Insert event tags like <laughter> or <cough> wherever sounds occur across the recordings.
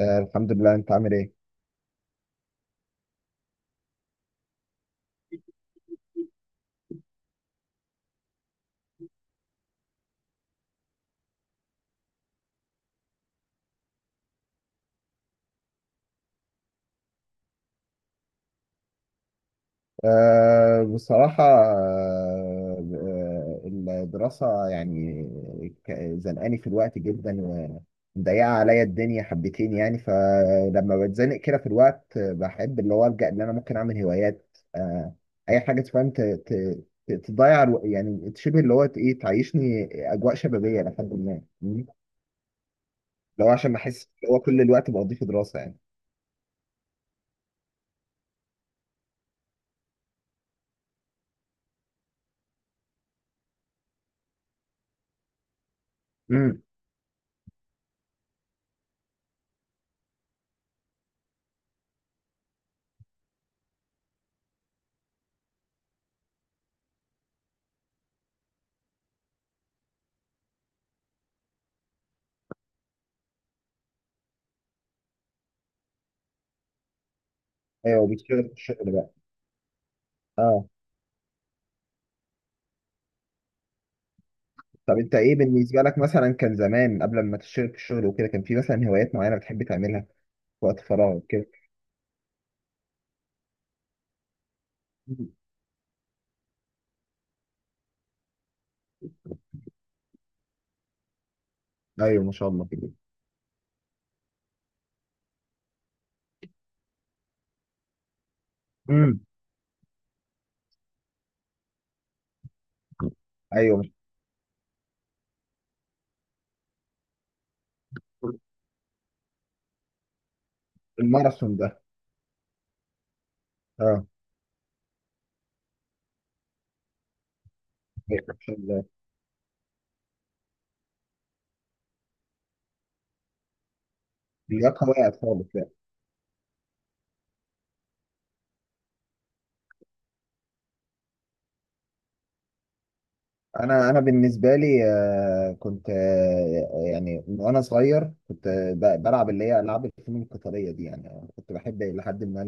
الحمد لله، انت عامل ايه؟ بصراحة آه، الدراسة يعني، ك- زنقاني في الوقت جدا، ومضيقة عليا الدنيا حبتين. يعني فلما بتزنق كده في الوقت، بحب اللي هو ألجأ اللي أنا ممكن أعمل هوايات أي حاجة تفهم، تضيع يعني، شبه اللي هو إيه، تعيشني أجواء شبابية لحد ما لو عشان ما أحس اللي هو كل الوقت بقضيه في دراسة يعني. مم. أيوه، بتشتغل في الشغل بقى. اه. طب انت ايه بالنسبه لك؟ مثلا كان زمان قبل ما تشتغل في الشغل وكده، كان في مثلا هوايات معينه بتحب تعملها في وقت فراغك كده؟ مم. <laughs> ايوه، ما شاء الله كده. امم. ايوه، ما شاء الله. <laughs> الماراثون ده. اه. أيوة، ما شاء الله. لياقه وقعت خالص، لا. انا بالنسبه لي، كنت يعني وانا صغير كنت بلعب اللي هي العاب الفنون القتاليه دي، يعني كنت بحب لحد ما.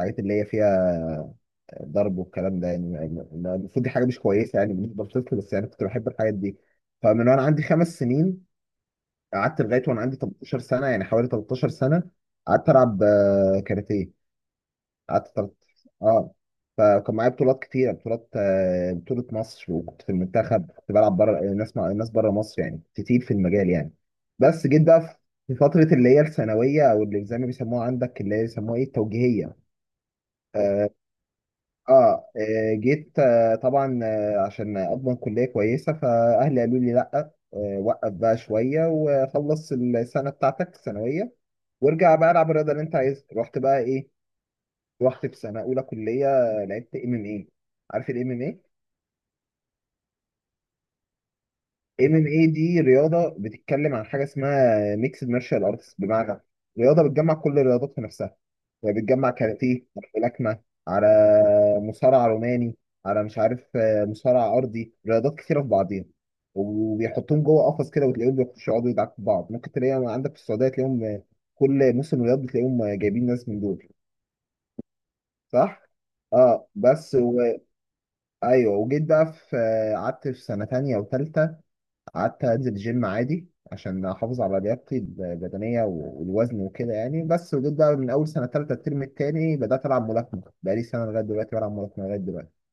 الحاجات اللي هي فيها الضرب والكلام ده، يعني مع إن المفروض دي حاجه مش كويسه يعني بالنسبه للطفل، بس يعني كنت بحب الحاجات دي. فمن وانا عندي 5 سنين، قعدت لغايه وانا عندي 18 سنة، يعني حوالي 13 سنة. قعدت العب كاراتيه. قعدت تلت... اه. فكان معايا بطولات كتيره، بطولات بطوله مصر، وكنت في المنتخب، كنت بلعب بره، ناس مع ناس بره مصر، يعني كنت تقيل في المجال يعني. بس جيت بقى في فتره اللي هي الثانويه، او اللي زي ما بيسموها عندك اللي هي بيسموها ايه، التوجيهيه. آه، اه جيت طبعا، عشان اضمن كليه كويسه، فاهلي قالوا لي لا، وقف بقى شويه وخلص السنه بتاعتك الثانويه، وارجع بقى العب الرياضه اللي انت عايزها. رحت بقى ايه؟ رحت في سنه اولى كليه، لعبت ام ام اي. عارف الام ام اي؟ ام ام اي دي رياضه بتتكلم عن حاجه اسمها ميكسد مارشال ارتس، بمعنى رياضه بتجمع كل الرياضات في نفسها. يعني بتجمع كاراتيه على ملاكمه على مصارع روماني على مش عارف، مصارع ارضي، رياضات كتيره في بعضيها. وبيحطوهم جوه قفص كده، وتلاقيهم بيخشوا يقعدوا يدعكوا في بعض. ممكن تلاقيهم عندك في السعوديه، تلاقيهم كل موسم رياض بتلاقيهم جايبين ناس من دول. صح؟ اه ايوه، وجيت بقى في، قعدت في سنه تانية وتالتة. قعدت انزل جيم عادي عشان احافظ على لياقتي البدنيه والوزن وكده يعني. بس وجيت بقى من اول سنه ثالثه الترم الثاني بدات العب ملاكمه، بقالي سنه لغايه دلوقتي بلعب ملاكمه لغايه دلوقتي.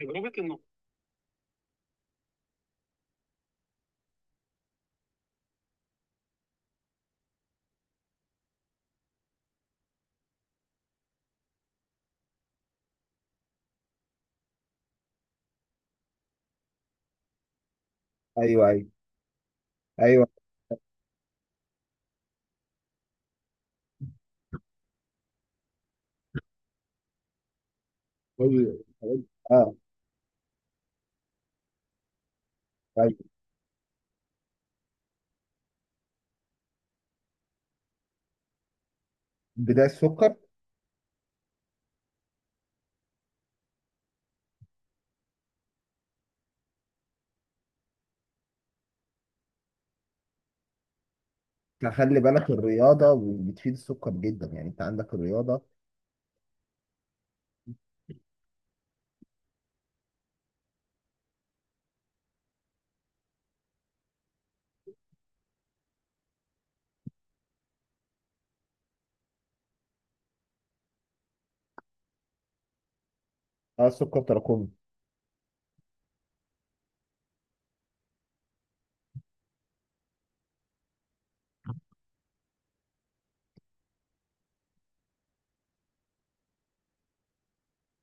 تجربة إنه ايوه، ايوه، ايوه. أيوة. اه. ايوه، بدايه السكر. خلي بالك، الرياضه بتفيد السكر جدا يعني، انت عندك الرياضه. اه، السكر تراكمي.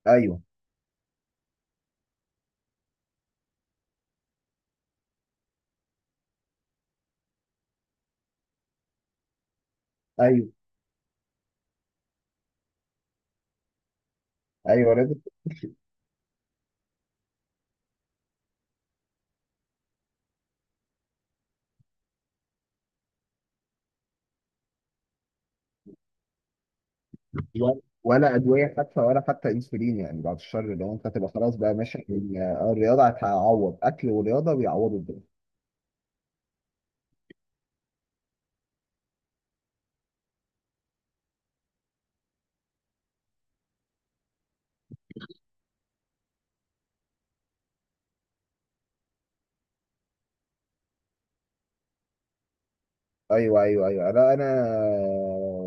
ايوه، ايوه، ايوه. ولا ادويه حتى، ولا حتى انسولين يعني، بعد الشر. لو انت تبقى خلاص بقى ماشي، الرياضه هتعوض. اكل ورياضه بيعوضوا الدنيا. ايوه، ايوه، ايوه. لا انا،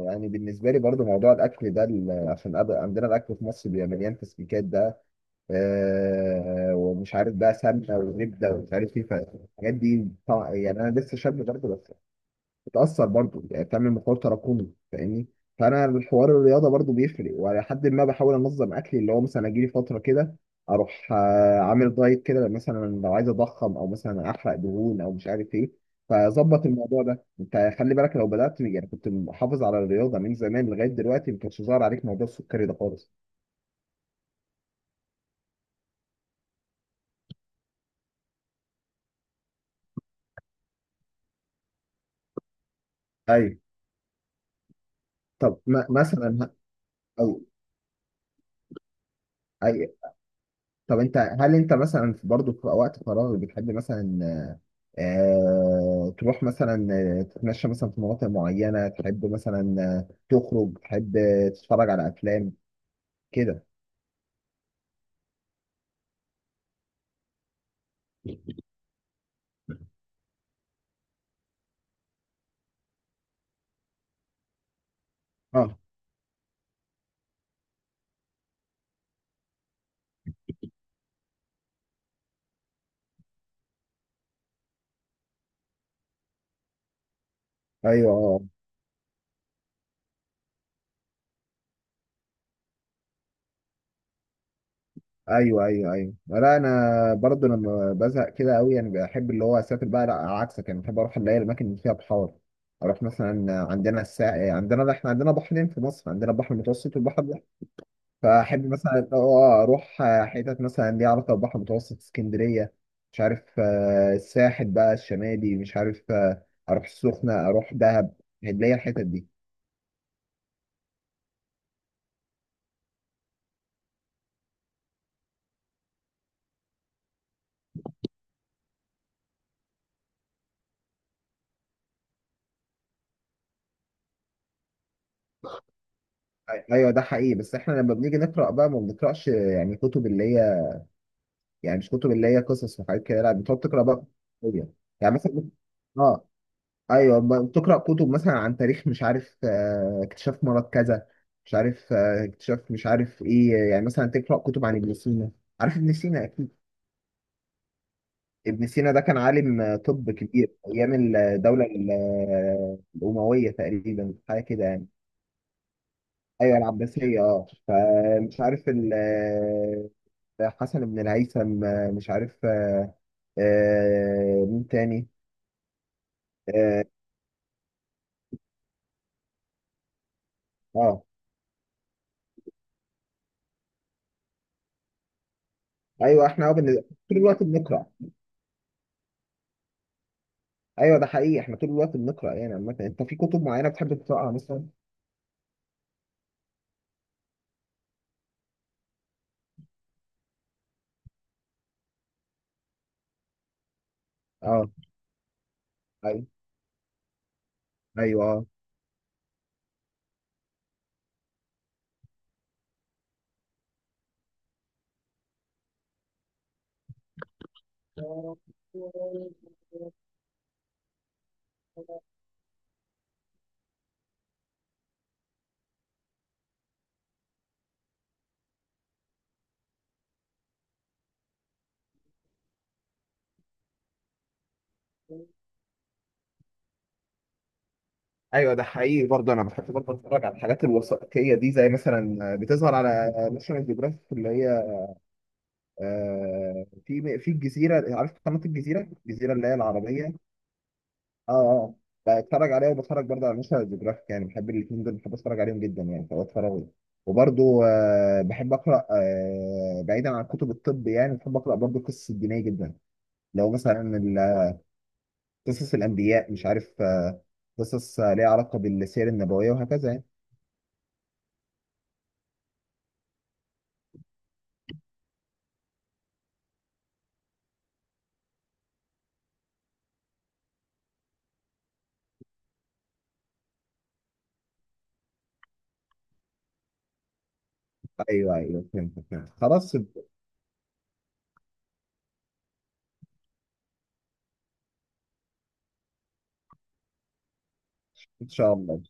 يعني بالنسبه لي برضو موضوع الاكل ده، عشان عندنا الاكل في مصر بيبقى مليان تسبيكات ده، ومش عارف بقى سمنه وزبده ومش عارف ايه، فالحاجات دي طبعا يعني انا لسه شاب برضو، بتأثر برضه يعني، بتعمل مقاومة تراكمي، فاهمني. فأنا الحوار الرياضة برضه بيفرق، وعلى حد ما بحاول أنظم أكلي. اللي هو مثلا أجيلي فترة كده أروح، عامل دايت كده مثلا، لو عايز أضخم أو مثلا أحرق دهون أو مش عارف إيه، فظبط الموضوع ده. أنت خلي بالك، لو بدأت يعني كنت محافظ على الرياضة من زمان لغاية دلوقتي، ما كانش ظاهر عليك موضوع السكري ده خالص. أيوه. طب ما مثلا ه- أو، أي. طب أنت، هل أنت مثلا برضه في وقت فراغ بتحب مثلا، تروح مثلا، تتمشى مثلا في مناطق معينة، تحب مثلا، تخرج، تحب، تتفرج على أفلام كده؟ اه. ايوه. اه. ايوه، ايوه، ايوه. لا انا، برضو لما بزهق كده قوي يعني، بحب اللي هو اسافر بقى. لا عكسك يعني، بحب اروح اللي هي الاماكن اللي فيها بحار. اروح مثلا عندنا الساحل، عندنا، لا احنا عندنا بحرين في مصر، عندنا بحر متوسط والبحر. فأحب مثلا إن هو أروح، حتت مثلا ليها علاقة بالبحر المتوسط، اسكندرية، مش عارف، الساحل بقى الشمالي، مش عارف، أروح السخنة، أروح دهب. هتلاقي الحتت دي. أيوه ده حقيقي، بس إحنا لما بنيجي نقرأ بقى ما بنقرأش، يعني كتب اللي هي، يعني مش كتب اللي هي قصص وحاجات كده، لا بتقعد تقرأ بقى كتب. يعني مثلا، آه ايوه، بتقرا كتب مثلا عن تاريخ، مش عارف، اكتشاف مرض كذا، مش عارف، اكتشاف مش عارف ايه. يعني مثلا تقرا كتب عن ابن سينا. عارف ابن سينا اكيد؟ ابن سينا ده كان عالم طب كبير ايام الدوله، الامويه تقريبا، حاجه كده يعني. ايوه، العباسيه، اه. فمش عارف حسن بن الهيثم، مش عارف، مين تاني. اه آه. ايوه، احنا طول الوقت بنقرا. ايوه ده حقيقي، احنا طول الوقت بنقرا يعني. عامه انت في كتب معينه بتحب تقراها مثلا؟ اه، ايوه، ايوه ايوه ده حقيقي برضه، انا بحب برضه اتفرج على الحاجات الوثائقيه دي، زي مثلا بتظهر على ناشونال جيوغرافيك اللي هي، في الجزيره، عارف قناه الجزيره، الجزيره اللي هي العربيه. اه، اه، بتفرج عليها، وبتفرج برضه على ناشونال جيوغرافيك، يعني بحب الاثنين دول، بحب اتفرج عليهم جدا يعني، فبتفرج. وبرضه بحب اقرا، بعيدا عن كتب الطب يعني، بحب اقرا برضه قصص الدينيه جدا. لو مثلا قصص الأنبياء، مش عارف، قصص ليها علاقة بالسير النبوية وهكذا يعني. أيوه، أيوه، فهمت، فهمت، خلاص. إن شاء الله.